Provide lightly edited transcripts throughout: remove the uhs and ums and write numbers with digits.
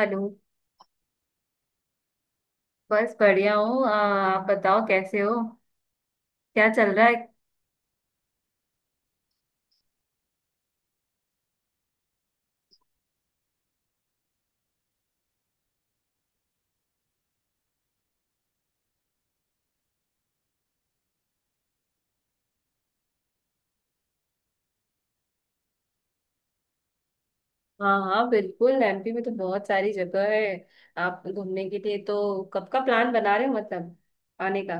Hello. बस बढ़िया हूँ, आप बताओ कैसे हो। क्या चल रहा है। हाँ हाँ बिल्कुल, एमपी में तो बहुत सारी जगह है। आप घूमने के लिए तो कब का प्लान बना रहे हो, मतलब आने का?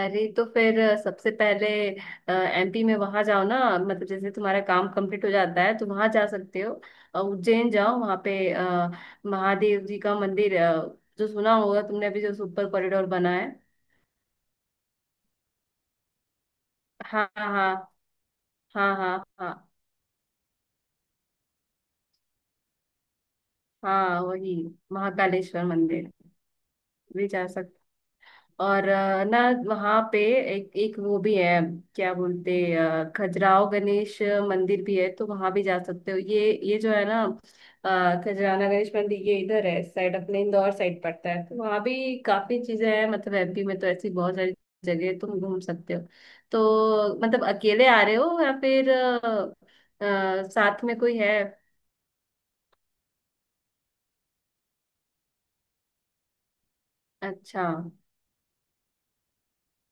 अरे तो फिर सबसे पहले एमपी में वहां जाओ ना, मतलब जैसे तुम्हारा काम कंप्लीट हो जाता है तो वहां जा सकते हो। उज्जैन जाओ, वहां पे महादेव जी का मंदिर, जो सुना होगा तुमने, अभी जो सुपर कॉरिडोर बना है। हाँ हाँ हाँ। हाँ हाँ हाँ। वही महाकालेश्वर मंदिर भी जा सकते। और ना वहाँ पे एक एक वो भी है, क्या बोलते, खजुराहो गणेश मंदिर भी है तो वहाँ भी जा सकते हो। ये जो है ना, खजुराना गणेश मंदिर, ये इधर है साइड, अपने इंदौर साइड पड़ता है, तो वहाँ भी काफी चीजें हैं। मतलब एमपी में तो ऐसी बहुत सारी जगह है, तुम घूम सकते हो। तो मतलब अकेले आ रहे हो या फिर साथ में कोई है? अच्छा।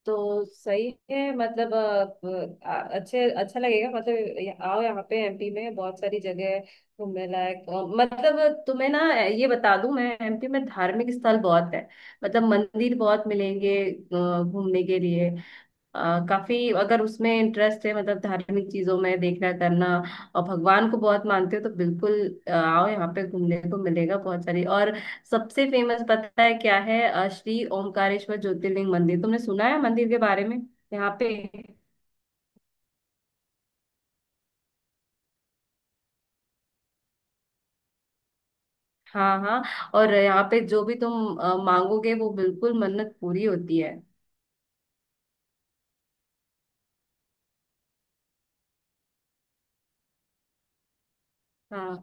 तो सही है, मतलब अच्छे अच्छा लगेगा, मतलब आओ यहाँ पे, एमपी में बहुत सारी जगह है घूमने लायक। मतलब तुम्हें ना ये बता दूं, मैं एमपी में धार्मिक स्थल बहुत है, मतलब मंदिर बहुत मिलेंगे घूमने के लिए। अ, काफी, अगर उसमें इंटरेस्ट है, मतलब धार्मिक चीजों में देखना करना और भगवान को बहुत मानते हो, तो बिल्कुल आओ यहाँ पे, घूमने को मिलेगा बहुत सारी। और सबसे फेमस पता है क्या है? श्री ओमकारेश्वर ज्योतिर्लिंग मंदिर। तुमने सुना है मंदिर के बारे में, यहाँ पे? हाँ हाँ, और यहाँ पे जो भी तुम मांगोगे वो बिल्कुल मन्नत पूरी होती है। हाँ।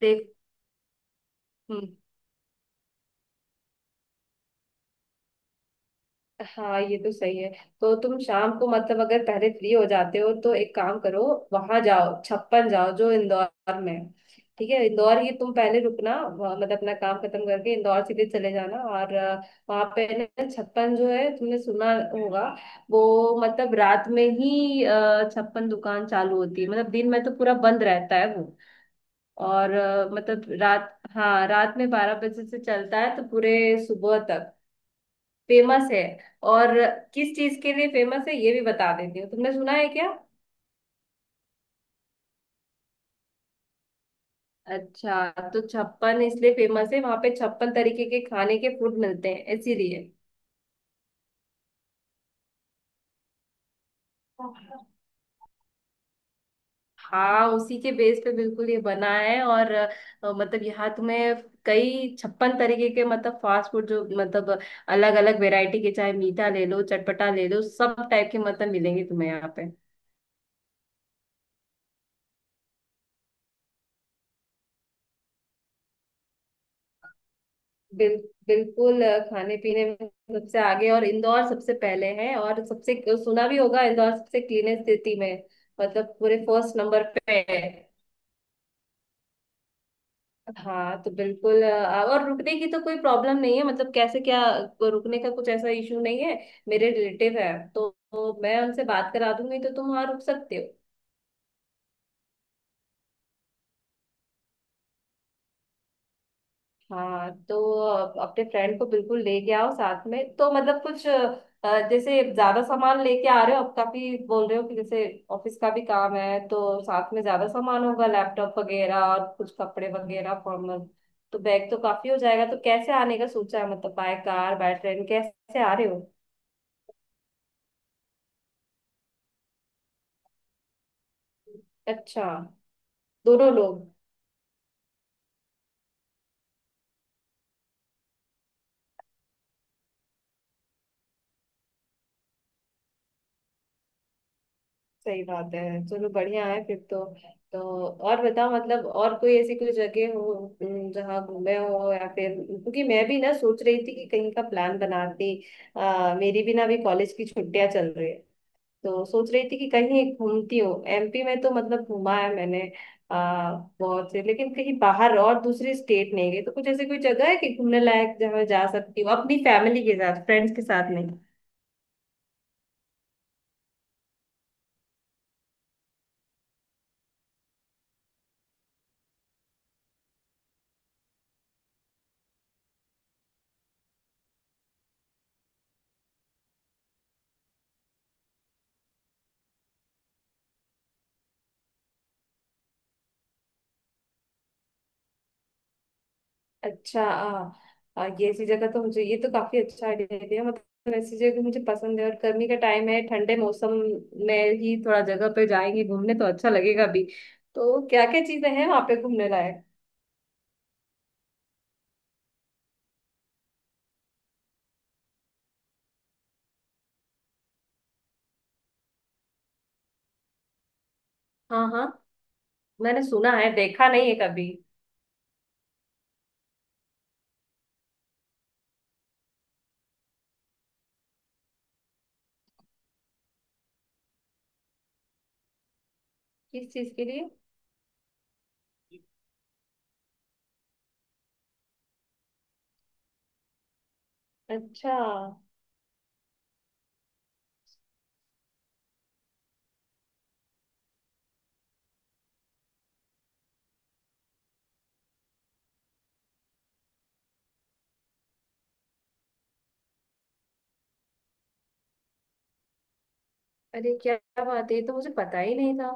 देख। हम्म। हाँ ये तो सही है। तो तुम शाम को, मतलब अगर पहले फ्री हो जाते हो तो एक काम करो, वहां जाओ छप्पन जाओ जो इंदौर में है। ठीक है, इंदौर ही तुम पहले रुकना। मतलब अपना काम खत्म करके इंदौर सीधे चले जाना, और वहां पे ना छप्पन जो है, तुमने सुना होगा वो। मतलब रात में ही छप्पन दुकान चालू होती है, मतलब दिन में तो पूरा बंद रहता है वो। और मतलब रात, हाँ, रात में 12 बजे से चलता है तो पूरे सुबह तक फेमस है। और किस चीज के लिए फेमस है, ये भी बता देती हूँ। तुमने सुना है क्या? अच्छा, तो छप्पन इसलिए फेमस है, वहां पे छप्पन तरीके के खाने के फूड मिलते हैं, इसीलिए। हाँ, उसी के बेस पे बिल्कुल ये बना है। और मतलब यहाँ तुम्हें कई छप्पन तरीके के, मतलब फास्ट फूड, जो मतलब अलग अलग वैरायटी के, चाहे मीठा ले लो चटपटा ले लो, सब टाइप के मतलब मिलेंगे तुम्हें यहाँ पे। बिल, बिल्कुल खाने पीने में सबसे आगे, और इंदौर सबसे पहले है, और सबसे, सुना भी होगा, इंदौर सबसे क्लीनेस्ट सिटी में, मतलब पूरे फर्स्ट नंबर पे है। हाँ तो बिल्कुल और रुकने की तो कोई प्रॉब्लम नहीं है, मतलब कैसे क्या, रुकने का कुछ ऐसा इशू नहीं है। मेरे रिलेटिव है तो मैं उनसे बात करा दूंगी, तो तुम वहाँ रुक सकते हो। हाँ, तो अपने फ्रेंड को बिल्कुल लेके आओ साथ में। तो मतलब कुछ जैसे ज्यादा सामान लेके आ रहे हो, अब काफी बोल रहे हो कि जैसे ऑफिस का भी काम है, तो साथ में ज्यादा सामान होगा, लैपटॉप वगैरह और कुछ कपड़े वगैरह फॉर्मल। तो बैग तो काफी हो जाएगा। तो कैसे आने का सोचा है, मतलब बाय कार बाय ट्रेन, कैसे आ रहे हो? अच्छा। दोनों लोग? सही बात है, चलो बढ़िया है फिर तो। तो और बताओ, मतलब और कोई ऐसी कोई जगह हो जहाँ घूमे हो, या फिर, क्योंकि मैं भी ना सोच रही थी कि कहीं का प्लान बनाती। मेरी भी ना अभी कॉलेज की छुट्टियां चल रही है, तो सोच रही थी कि कहीं घूमती हूँ। एमपी में तो मतलब घूमा है मैंने आ, बहुत से, लेकिन कहीं बाहर और दूसरी स्टेट नहीं गई। तो कुछ ऐसी कोई जगह है कि घूमने लायक जहाँ मैं जा सकती हूँ अपनी फैमिली के साथ, फ्रेंड्स के साथ? अच्छा। आ, आ, ये ऐसी जगह तो, मुझे ये तो काफी अच्छा आइडिया दिया, मतलब ऐसी जगह मुझे पसंद है। और गर्मी का टाइम है, ठंडे मौसम में ही थोड़ा जगह पे जाएंगे घूमने तो अच्छा लगेगा भी। तो क्या क्या चीजें हैं वहां पे घूमने लायक? हाँ हाँ, मैंने सुना है, देखा नहीं है कभी। किस चीज के लिए? अच्छा। अरे क्या बात है, ये तो मुझे पता ही नहीं था।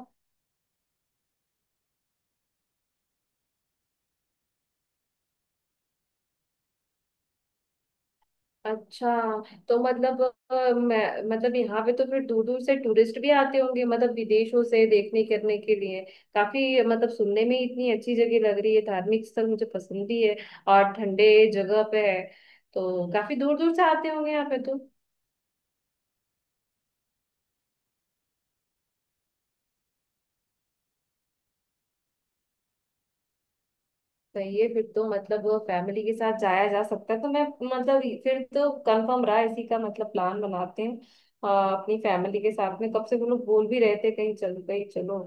अच्छा। तो मतलब मैं मतलब, यहाँ पे तो फिर दूर दूर से टूरिस्ट भी आते होंगे, मतलब विदेशों से देखने करने के लिए। काफी मतलब सुनने में इतनी अच्छी जगह लग रही है, धार्मिक स्थल मुझे पसंद भी है, और ठंडे जगह पे है, तो काफी दूर दूर से आते होंगे यहाँ पे तो। सही है फिर तो, मतलब फैमिली के साथ जाया जा सकता है। तो मैं मतलब फिर तो कंफर्म रहा इसी का, मतलब प्लान बनाते हैं अपनी फैमिली के साथ में। कब से वो लोग बोल भी रहे थे कहीं चलो कहीं चलो,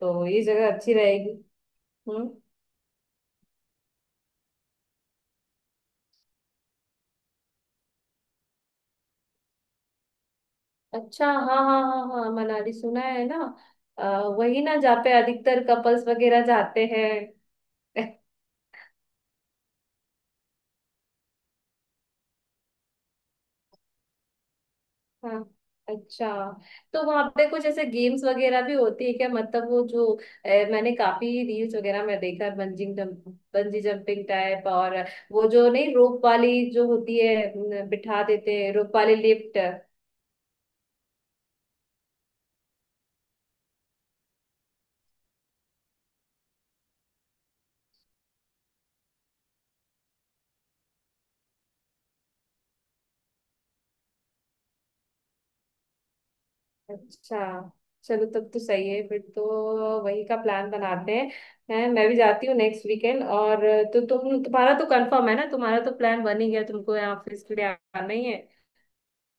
तो ये जगह अच्छी रहेगी। हम्म। अच्छा, हाँ हाँ हाँ हाँ, मनाली सुना है ना। वही ना जहाँ पे अधिकतर कपल्स वगैरह जाते हैं। हाँ। अच्छा, तो वहाँ पे कुछ ऐसे गेम्स वगैरह भी होती है क्या? मतलब वो जो, मैंने काफी रील्स वगैरह में देखा है, bungee jump bungee jumping type. और वो जो नहीं रोप वाली जो होती है न, बिठा देते हैं, रोप वाली लिफ्ट। अच्छा। चलो तब तो सही है फिर तो, वही का प्लान बनाते हैं। हैं, मैं भी जाती हूँ नेक्स्ट वीकेंड। और तो तुम्हारा तो कंफर्म है ना, तुम्हारा तो प्लान बन ही गया, तुमको यहाँ ऑफिस के लिए आना ही है,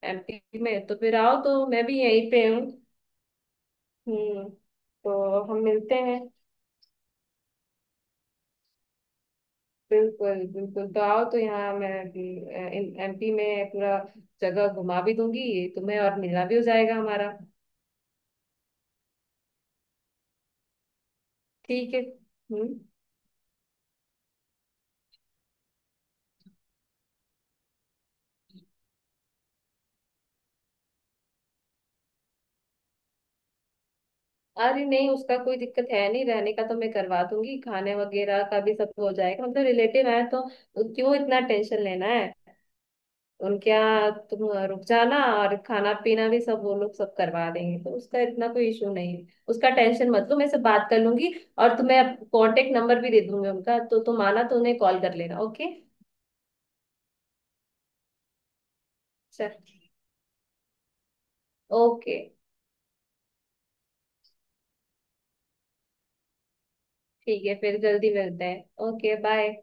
एमपी में। तो फिर आओ, तो मैं भी यहीं पे हूँ। हम्म। तो हम मिलते हैं। बिल्कुल बिल्कुल, तो आओ तो यहाँ मैं एमपी में पूरा जगह घुमा भी दूंगी तुम्हें, और मिलना भी हो जाएगा हमारा। ठीक है। हम्म। अरे नहीं, उसका कोई दिक्कत है नहीं, रहने का तो मैं करवा दूंगी, खाने वगैरह का भी सब हो जाएगा, मतलब रिलेटिव है तो क्यों इतना टेंशन लेना है। उनके यहाँ तुम रुक जाना और खाना पीना भी सब वो लोग सब करवा देंगे, तो उसका इतना कोई इशू नहीं है, उसका टेंशन मत लो, मैं से बात कर लूंगी। और तुम्हें कांटेक्ट नंबर भी दे दूंगी उनका, तो तुम आना तो उन्हें कॉल कर लेना। ओके। चल। ओके। ठीक है, फिर जल्दी मिलते हैं, ओके बाय।